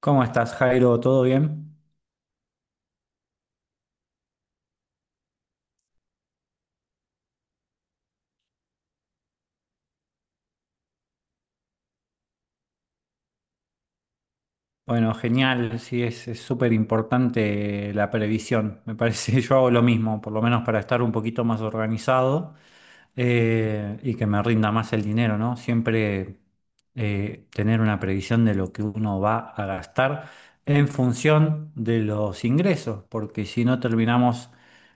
¿Cómo estás, Jairo? ¿Todo bien? Bueno, genial, sí, es súper importante la previsión. Me parece, yo hago lo mismo, por lo menos para estar un poquito más organizado, y que me rinda más el dinero, ¿no? Siempre tener una previsión de lo que uno va a gastar en función de los ingresos, porque si no terminamos,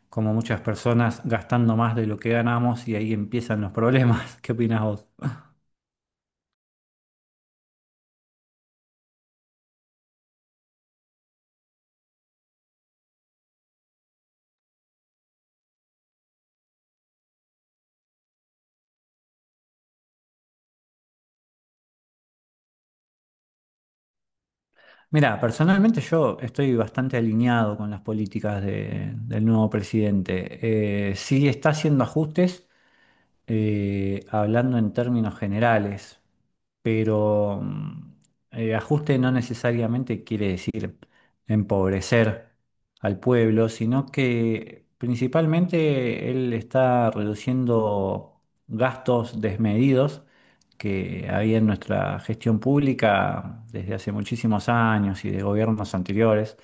como muchas personas, gastando más de lo que ganamos, y ahí empiezan los problemas. ¿Qué opinas vos? Mira, personalmente yo estoy bastante alineado con las políticas del nuevo presidente. Sí está haciendo ajustes, hablando en términos generales, pero ajuste no necesariamente quiere decir empobrecer al pueblo, sino que principalmente él está reduciendo gastos desmedidos que había en nuestra gestión pública desde hace muchísimos años y de gobiernos anteriores.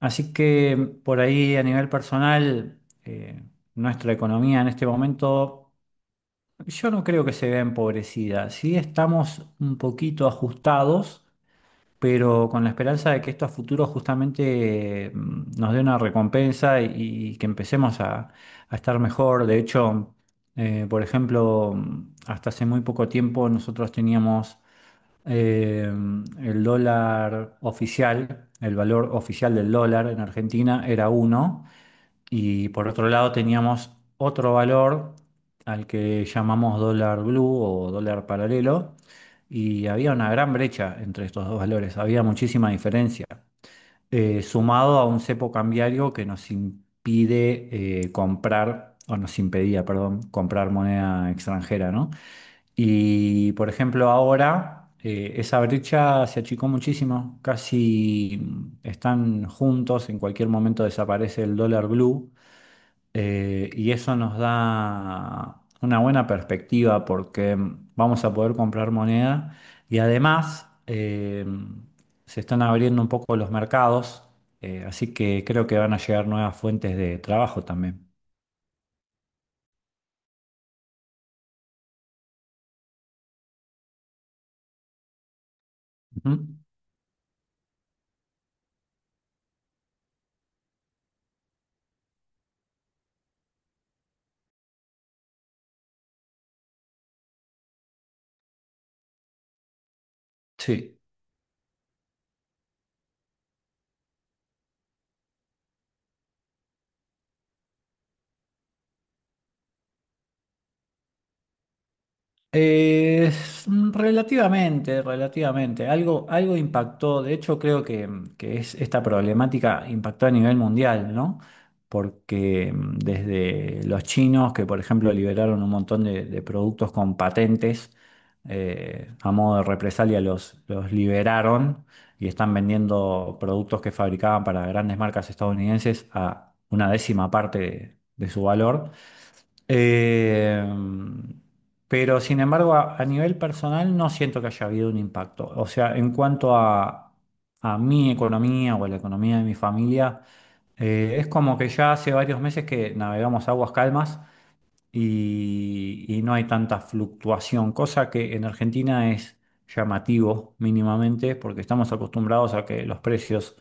Así que por ahí a nivel personal, eh, nuestra economía en este momento yo no creo que se vea empobrecida. Sí estamos un poquito ajustados, pero con la esperanza de que esto a futuro justamente nos dé una recompensa, y que empecemos a estar mejor. De hecho, por ejemplo, hasta hace muy poco tiempo nosotros teníamos eh, el dólar oficial. El valor oficial del dólar en Argentina era uno, y por otro lado teníamos otro valor al que llamamos dólar blue o dólar paralelo. Y había una gran brecha entre estos dos valores, había muchísima diferencia, sumado a un cepo cambiario que nos impide comprar, o nos impedía, perdón, comprar moneda extranjera, ¿no? Y por ejemplo, ahora esa brecha se achicó muchísimo, casi están juntos, en cualquier momento desaparece el dólar blue, y eso nos da una buena perspectiva, porque vamos a poder comprar moneda. Y además, se están abriendo un poco los mercados, así que creo que van a llegar nuevas fuentes de trabajo también. Ujú. Sí. Eh, Relativamente, relativamente. Algo, algo impactó. De hecho, creo que es esta problemática, impactó a nivel mundial, ¿no? Porque desde los chinos, que por ejemplo liberaron un montón de productos con patentes, a modo de represalia los liberaron y están vendiendo productos que fabricaban para grandes marcas estadounidenses a una décima parte de su valor. Eh, pero sin embargo, a nivel personal no siento que haya habido un impacto. O sea, en cuanto a mi economía o a la economía de mi familia, es como que ya hace varios meses que navegamos aguas calmas, y no hay tanta fluctuación, cosa que en Argentina es llamativo mínimamente, porque estamos acostumbrados a que los precios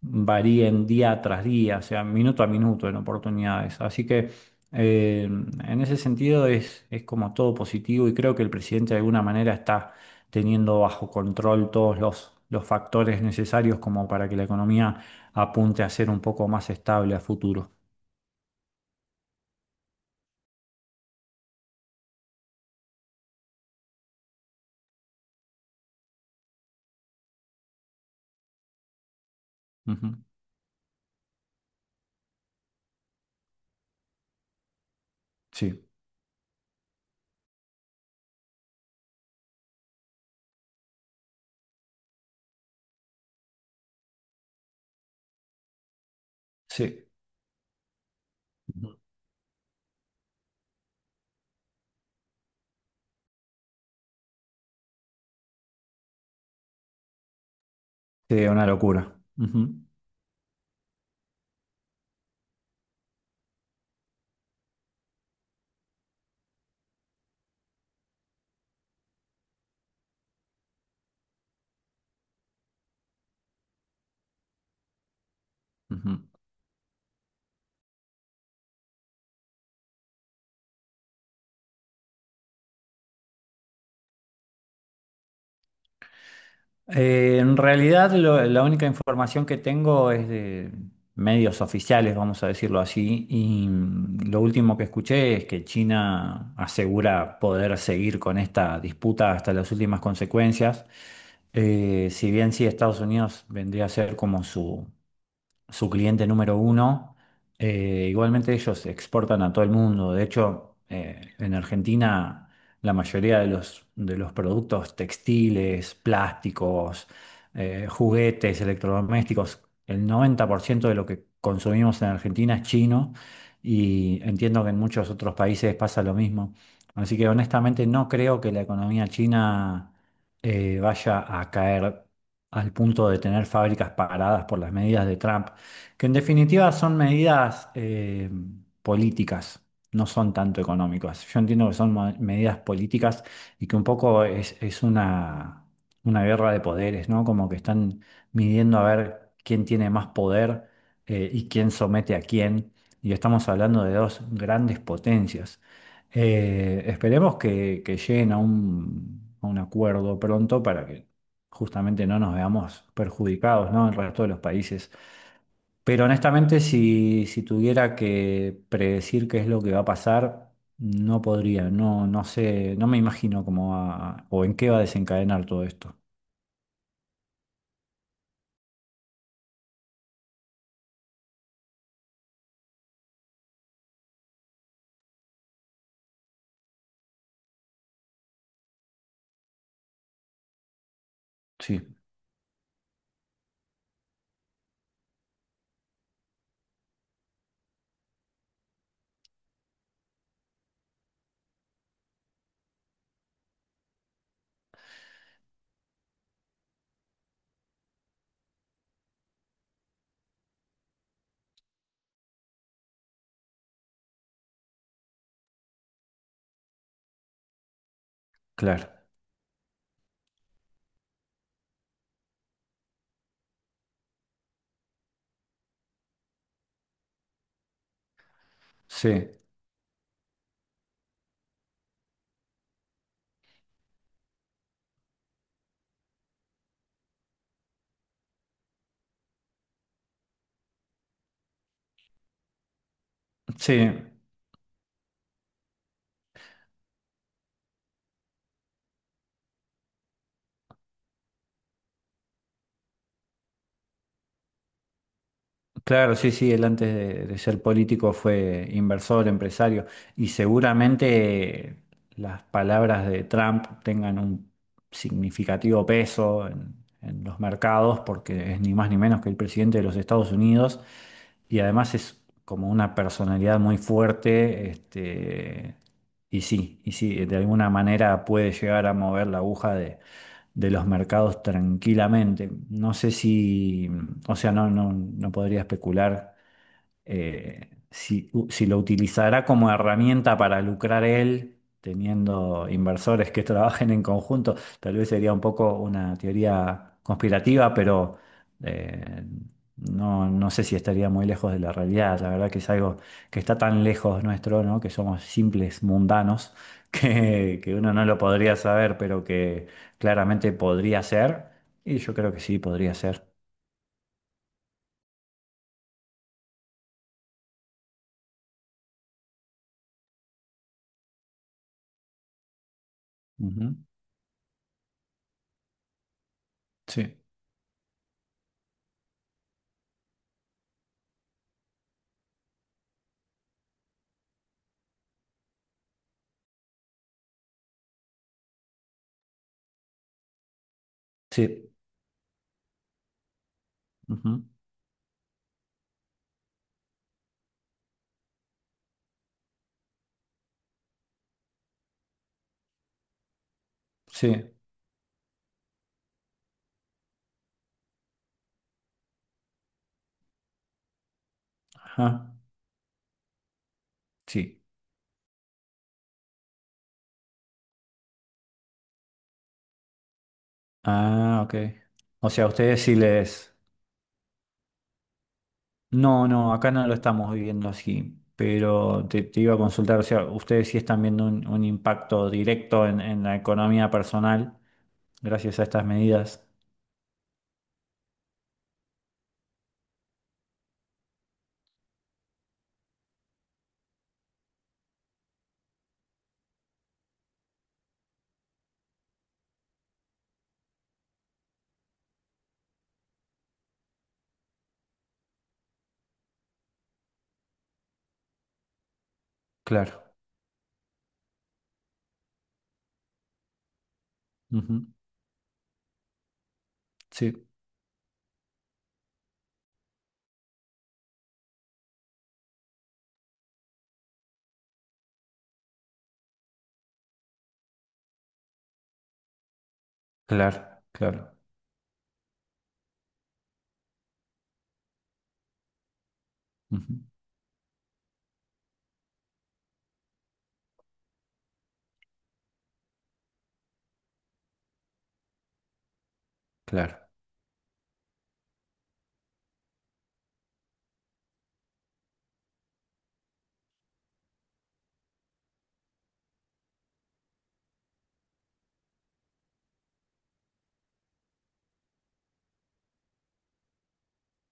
varíen día tras día, o sea, minuto a minuto en oportunidades. Así que en ese sentido es, como todo positivo, y creo que el presidente de alguna manera está teniendo bajo control todos los factores necesarios como para que la economía apunte a ser un poco más estable a futuro. Ujú. Sí, sí. Ujú. Sí, una locura. Ujú, ujú. En realidad, la única información que tengo es de medios oficiales, vamos a decirlo así, y lo último que escuché es que China asegura poder seguir con esta disputa hasta las últimas consecuencias. Si bien sí, Estados Unidos vendría a ser como su cliente número uno. Igualmente, ellos exportan a todo el mundo. De hecho, en Argentina la mayoría de los productos textiles, plásticos, juguetes, electrodomésticos, el 90% de lo que consumimos en Argentina es chino, y entiendo que en muchos otros países pasa lo mismo. Así que honestamente no creo que la economía china vaya a caer al punto de tener fábricas paradas por las medidas de Trump. Que en definitiva son medidas políticas, no son tanto económicas. Yo entiendo que son medidas políticas, y que un poco es una, guerra de poderes, ¿no? Como que están midiendo a ver quién tiene más poder, y quién somete a quién. Y estamos hablando de dos grandes potencias. Esperemos que, lleguen a un, acuerdo pronto, para que justamente no nos veamos perjudicados, ¿no? El resto de los países. Pero honestamente, si tuviera que predecir qué es lo que va a pasar, no podría, no, no sé, no me imagino cómo va, o en qué va a desencadenar todo esto. Sí, claro. Sí, sí. Claro, sí, sí, él antes de ser político fue inversor, empresario, y seguramente las palabras de Trump tengan un significativo peso en, los mercados, porque es ni más ni menos que el presidente de los Estados Unidos, y además es como una personalidad muy fuerte, este, y sí, de alguna manera puede llegar a mover la aguja de los mercados tranquilamente. No sé si, o sea, no, no, no podría especular, si lo utilizará como herramienta para lucrar él, teniendo inversores que trabajen en conjunto. Tal vez sería un poco una teoría conspirativa, pero eh, no, no sé si estaría muy lejos de la realidad. La verdad que es algo que está tan lejos nuestro, ¿no? Que somos simples mundanos, que uno no lo podría saber, pero que claramente podría ser. Y yo creo que sí, podría ser. Ujú. Sí. Sí. Ujú. Sí. Ajá, sí. Ah, ok. O sea, a ustedes sí les. No, no, acá no lo estamos viviendo así, pero te iba a consultar. O sea, ustedes sí están viendo un, impacto directo en, la economía personal gracias a estas medidas. Claro. Ujú. Sí, claro, claro, ujú, claro.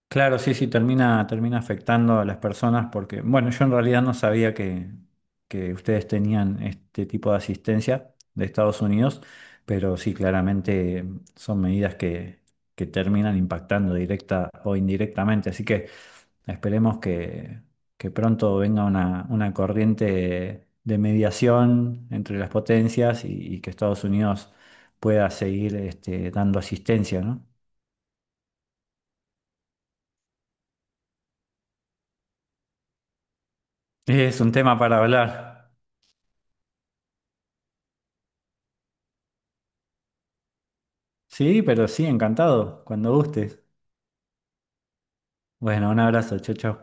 Claro, sí, sí, termina afectando a las personas, porque, bueno, yo en realidad no sabía que ustedes tenían este tipo de asistencia de Estados Unidos, pero sí, claramente son medidas que terminan impactando directa o indirectamente. Así que esperemos que pronto venga una, corriente de mediación entre las potencias, y que Estados Unidos pueda seguir este, dando asistencia, ¿no? Es un tema para hablar. Sí, pero sí, encantado, cuando gustes. Bueno, un abrazo, chau, chau.